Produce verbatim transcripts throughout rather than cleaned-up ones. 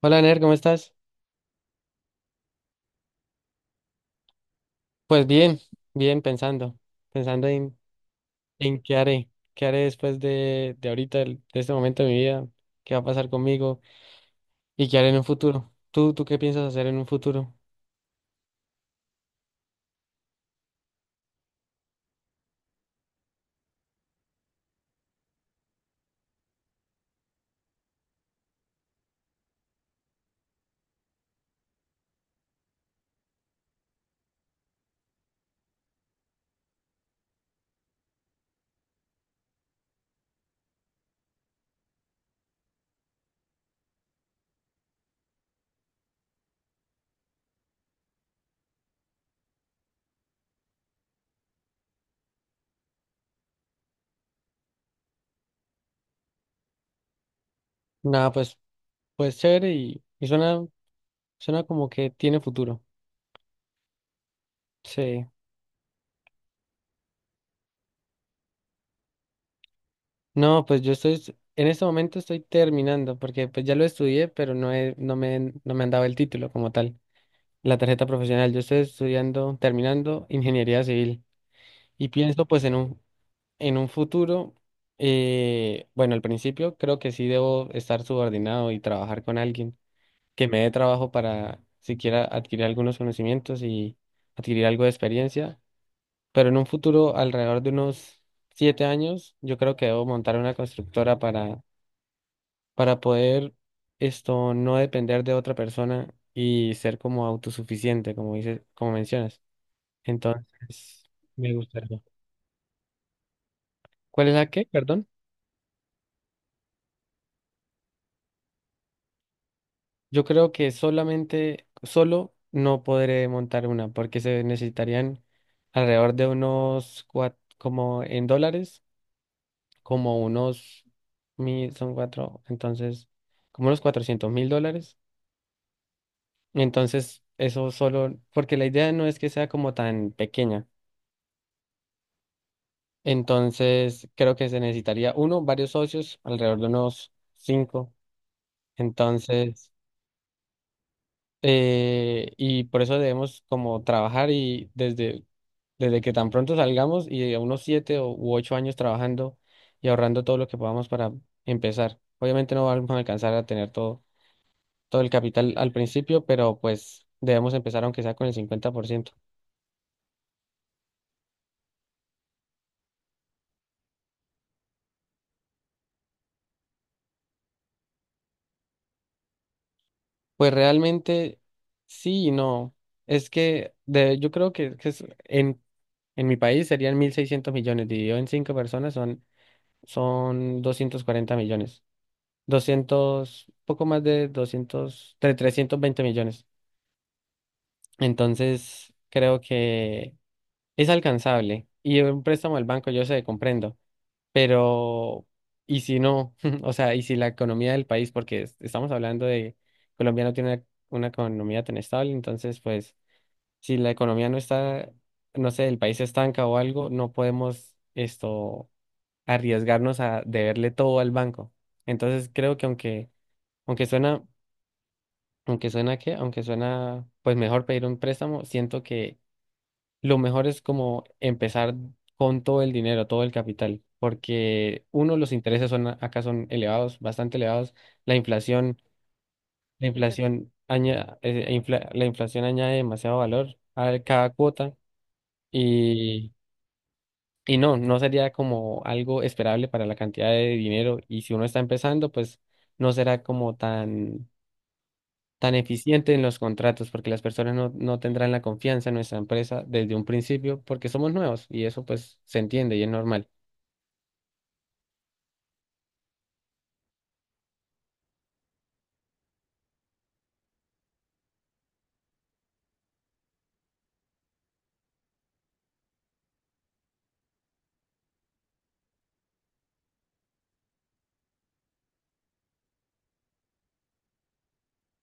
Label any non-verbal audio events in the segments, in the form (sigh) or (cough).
Hola, Ner, ¿cómo estás? Pues bien, bien, pensando, pensando en, en qué haré, qué haré después de, de ahorita, el- de este momento de mi vida, qué va a pasar conmigo y qué haré en un futuro. ¿Tú, tú qué piensas hacer en un futuro? Nada, pues, pues chévere y, y suena, suena como que tiene futuro. Sí. No, pues yo estoy, s- en este momento estoy terminando porque pues ya lo estudié, pero no he- no me, no me han dado el título como tal, la tarjeta profesional. Yo estoy estudiando, terminando ingeniería civil. Y pienso pues en un, en un futuro, eh, bueno, al principio creo que sí debo estar subordinado y trabajar con alguien que me dé trabajo para siquiera adquirir algunos conocimientos y adquirir algo de experiencia, pero en un futuro, alrededor de unos siete años, yo creo que debo montar una constructora para, para poder esto no depender de otra persona y ser como autosuficiente, como dices, como mencionas. Entonces, me gustaría. ¿Cuál es la qué? Perdón. Yo creo que solamente, solo no podré montar una, porque se necesitarían alrededor de unos, cua- como en dólares, como unos mil, son cuatro, entonces, como unos cuatrocientos mil dólares. Entonces, eso solo, porque la idea no es que sea como tan pequeña. Entonces, creo que se necesitaría uno, varios socios, alrededor de unos cinco. Entonces, Eh, y por eso debemos como trabajar y desde, desde que tan pronto salgamos y a unos siete o, u ocho años trabajando y ahorrando todo lo que podamos para empezar. Obviamente no vamos a alcanzar a tener todo, todo el capital al principio, pero pues debemos empezar aunque sea con el cincuenta por ciento. Pues realmente sí y no. Es que de, yo creo que, que es- en, en mi país serían mil seiscientos millones, dividido en cinco personas son, son doscientos cuarenta millones, doscientos, poco más de doscientos, de trescientos veinte millones. Entonces, creo que es alcanzable. Y un préstamo del banco, yo sé, comprendo. Pero, ¿y si no? (laughs) O sea, ¿y si la economía del país, porque es- estamos hablando de Colombia, no tiene una economía tan estable? Entonces, pues, si la economía no está, no sé, el país se estanca o algo, no podemos esto arriesgarnos a deberle todo al banco. Entonces, creo que aunque... Aunque suena Aunque suena que, aunque suena, pues mejor pedir un préstamo, siento que lo mejor es como empezar con todo el dinero, todo el capital, porque uno, los intereses son, a- acá son elevados, bastante elevados, la inflación, la inflación aña- eh, infla- la inflación añade demasiado valor a cada cuota y, y no, no sería como algo esperable para la cantidad de dinero, y si uno está empezando, pues no será como tan tan eficiente en los contratos, porque las personas no, no tendrán la confianza en nuestra empresa desde un principio, porque somos nuevos y eso pues se entiende y es normal.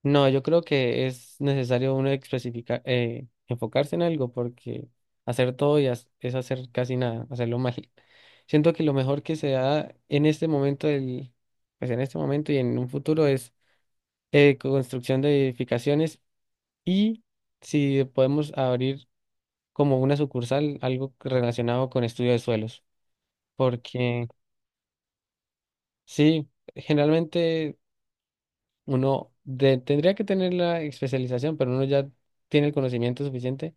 No, yo creo que es necesario uno especificar, eh, enfocarse en algo, porque hacer todo y haz- es hacer casi nada, hacerlo (laughs) mal. Siento que lo mejor que se da en este momento del, pues en este momento y en un futuro es eh, construcción de edificaciones, y si podemos abrir como una sucursal algo relacionado con estudio de suelos. Porque sí, generalmente uno de- tendría que tener la especialización, pero uno ya tiene el conocimiento suficiente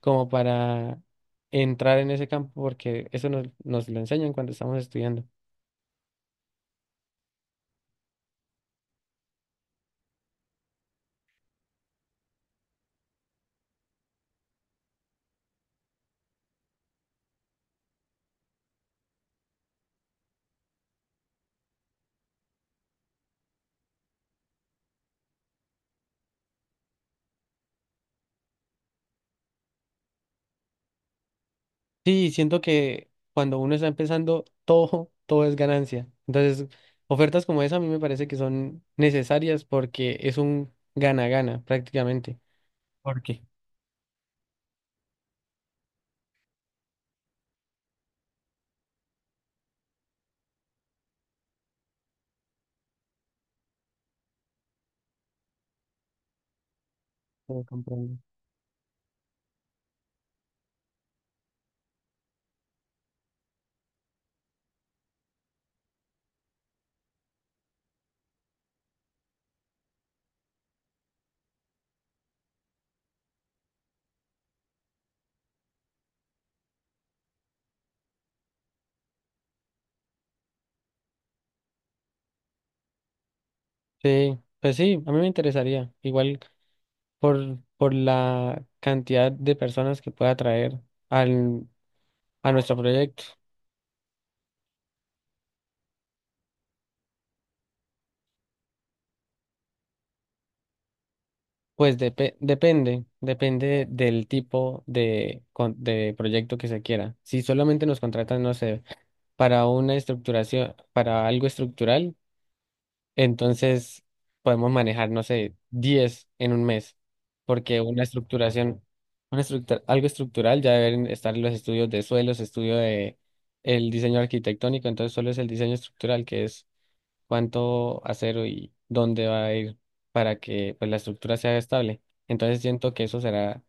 como para entrar en ese campo, porque eso nos, nos lo enseñan cuando estamos estudiando. Sí, siento que cuando uno está empezando, todo, todo es ganancia. Entonces, ofertas como esa a mí me parece que son necesarias porque es un gana-gana prácticamente. ¿Por qué? Sí, comprendo. Sí, pues sí, a mí me interesaría. Igual, por, por la cantidad de personas que pueda atraer al, a nuestro proyecto. Pues depe- depende, depende del tipo de, con- de proyecto que se quiera. Si solamente nos contratan, no sé, para una estructuración, para algo estructural, entonces podemos manejar, no sé, diez en un mes, porque una estructuración, una estructura, algo estructural, ya deben estar los estudios de suelos, estudio de el diseño arquitectónico, entonces solo es el diseño estructural, que es cuánto acero y dónde va a ir para que pues, la estructura sea estable. Entonces siento que eso será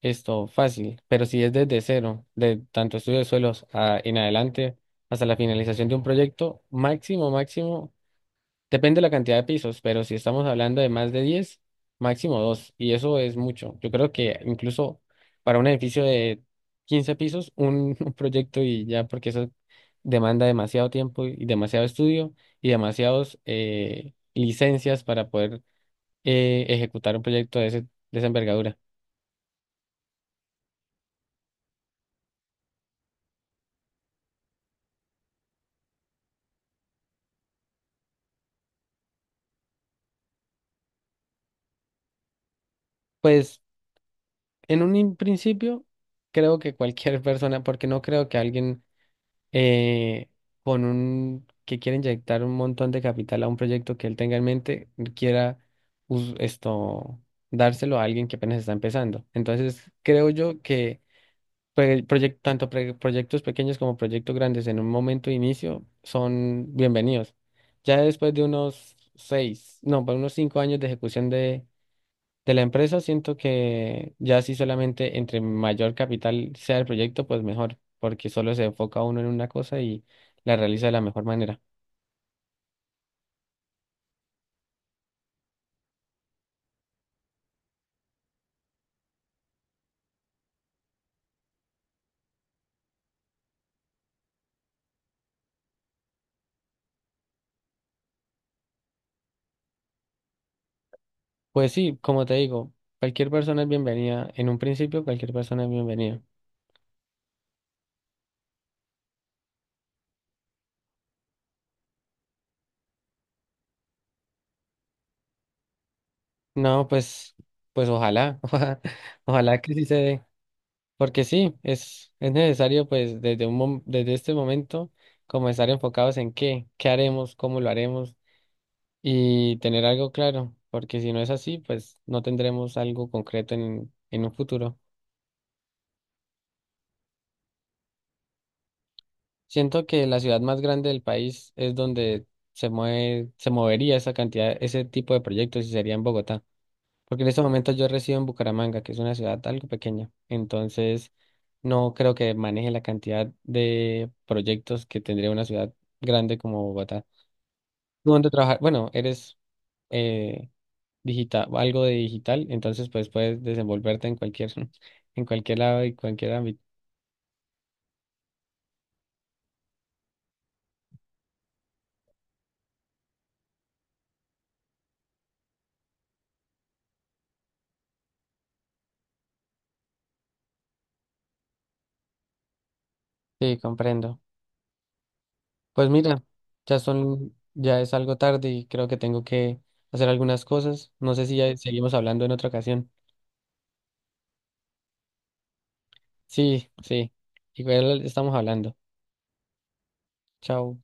esto fácil, pero si es desde cero, de tanto estudio de suelos a- en adelante hasta la finalización de un proyecto, máximo, máximo. Depende de la cantidad de pisos, pero si estamos hablando de más de diez, máximo dos, y eso es mucho. Yo creo que incluso para un edificio de quince pisos, un, (laughs) un proyecto y ya, porque eso demanda demasiado tiempo y demasiado estudio y demasiadas licencias para poder eh, ejecutar un proyecto de, ese, de esa envergadura. Pues en un in- principio, creo que cualquier (laughs) persona, porque no creo que alguien eh, con un que quiere inyectar un montón de capital a un proyecto que él tenga en mente, quiera us- esto dárselo a alguien que apenas está empezando. Entonces, creo yo que pre- proyec- tanto pre- proyectos pequeños como proyectos grandes en un momento de inicio son bienvenidos. Ya después de unos seis, no, para unos cinco años de ejecución de la empresa, siento que ya sí, solamente entre mayor capital sea el proyecto, pues mejor, porque solo se enfoca uno en una cosa y la realiza de la mejor manera. Pues sí, como te digo, cualquier persona es bienvenida. En un principio, cualquier persona es bienvenida. No, pues, pues ojalá, (laughs) ojalá, ojalá que sí se dé, porque sí, es, es necesario pues desde un mom- desde este momento comenzar enfocados en qué, qué haremos, cómo lo haremos, y tener algo claro, porque si no es así, pues no tendremos algo concreto en, en un futuro. Siento que la ciudad más grande del país es donde se mueve, se movería esa cantidad, ese tipo de proyectos, y sería en Bogotá, porque en este momento yo resido en Bucaramanga, que es una ciudad algo pequeña, entonces no creo que maneje la cantidad de proyectos que tendría una ciudad grande como Bogotá. ¿Tú dónde trabajas? Bueno, eres eh, digital, algo de digital, entonces pues puedes desenvolverte en cualquier, (laughs) en cualquier lado y cualquier ámbito. Sí, comprendo. Pues mira, ya son, ya es algo tarde y creo que tengo que hacer algunas cosas. No sé si ya seguimos hablando en otra ocasión. Sí, sí. Igual estamos hablando. Chao.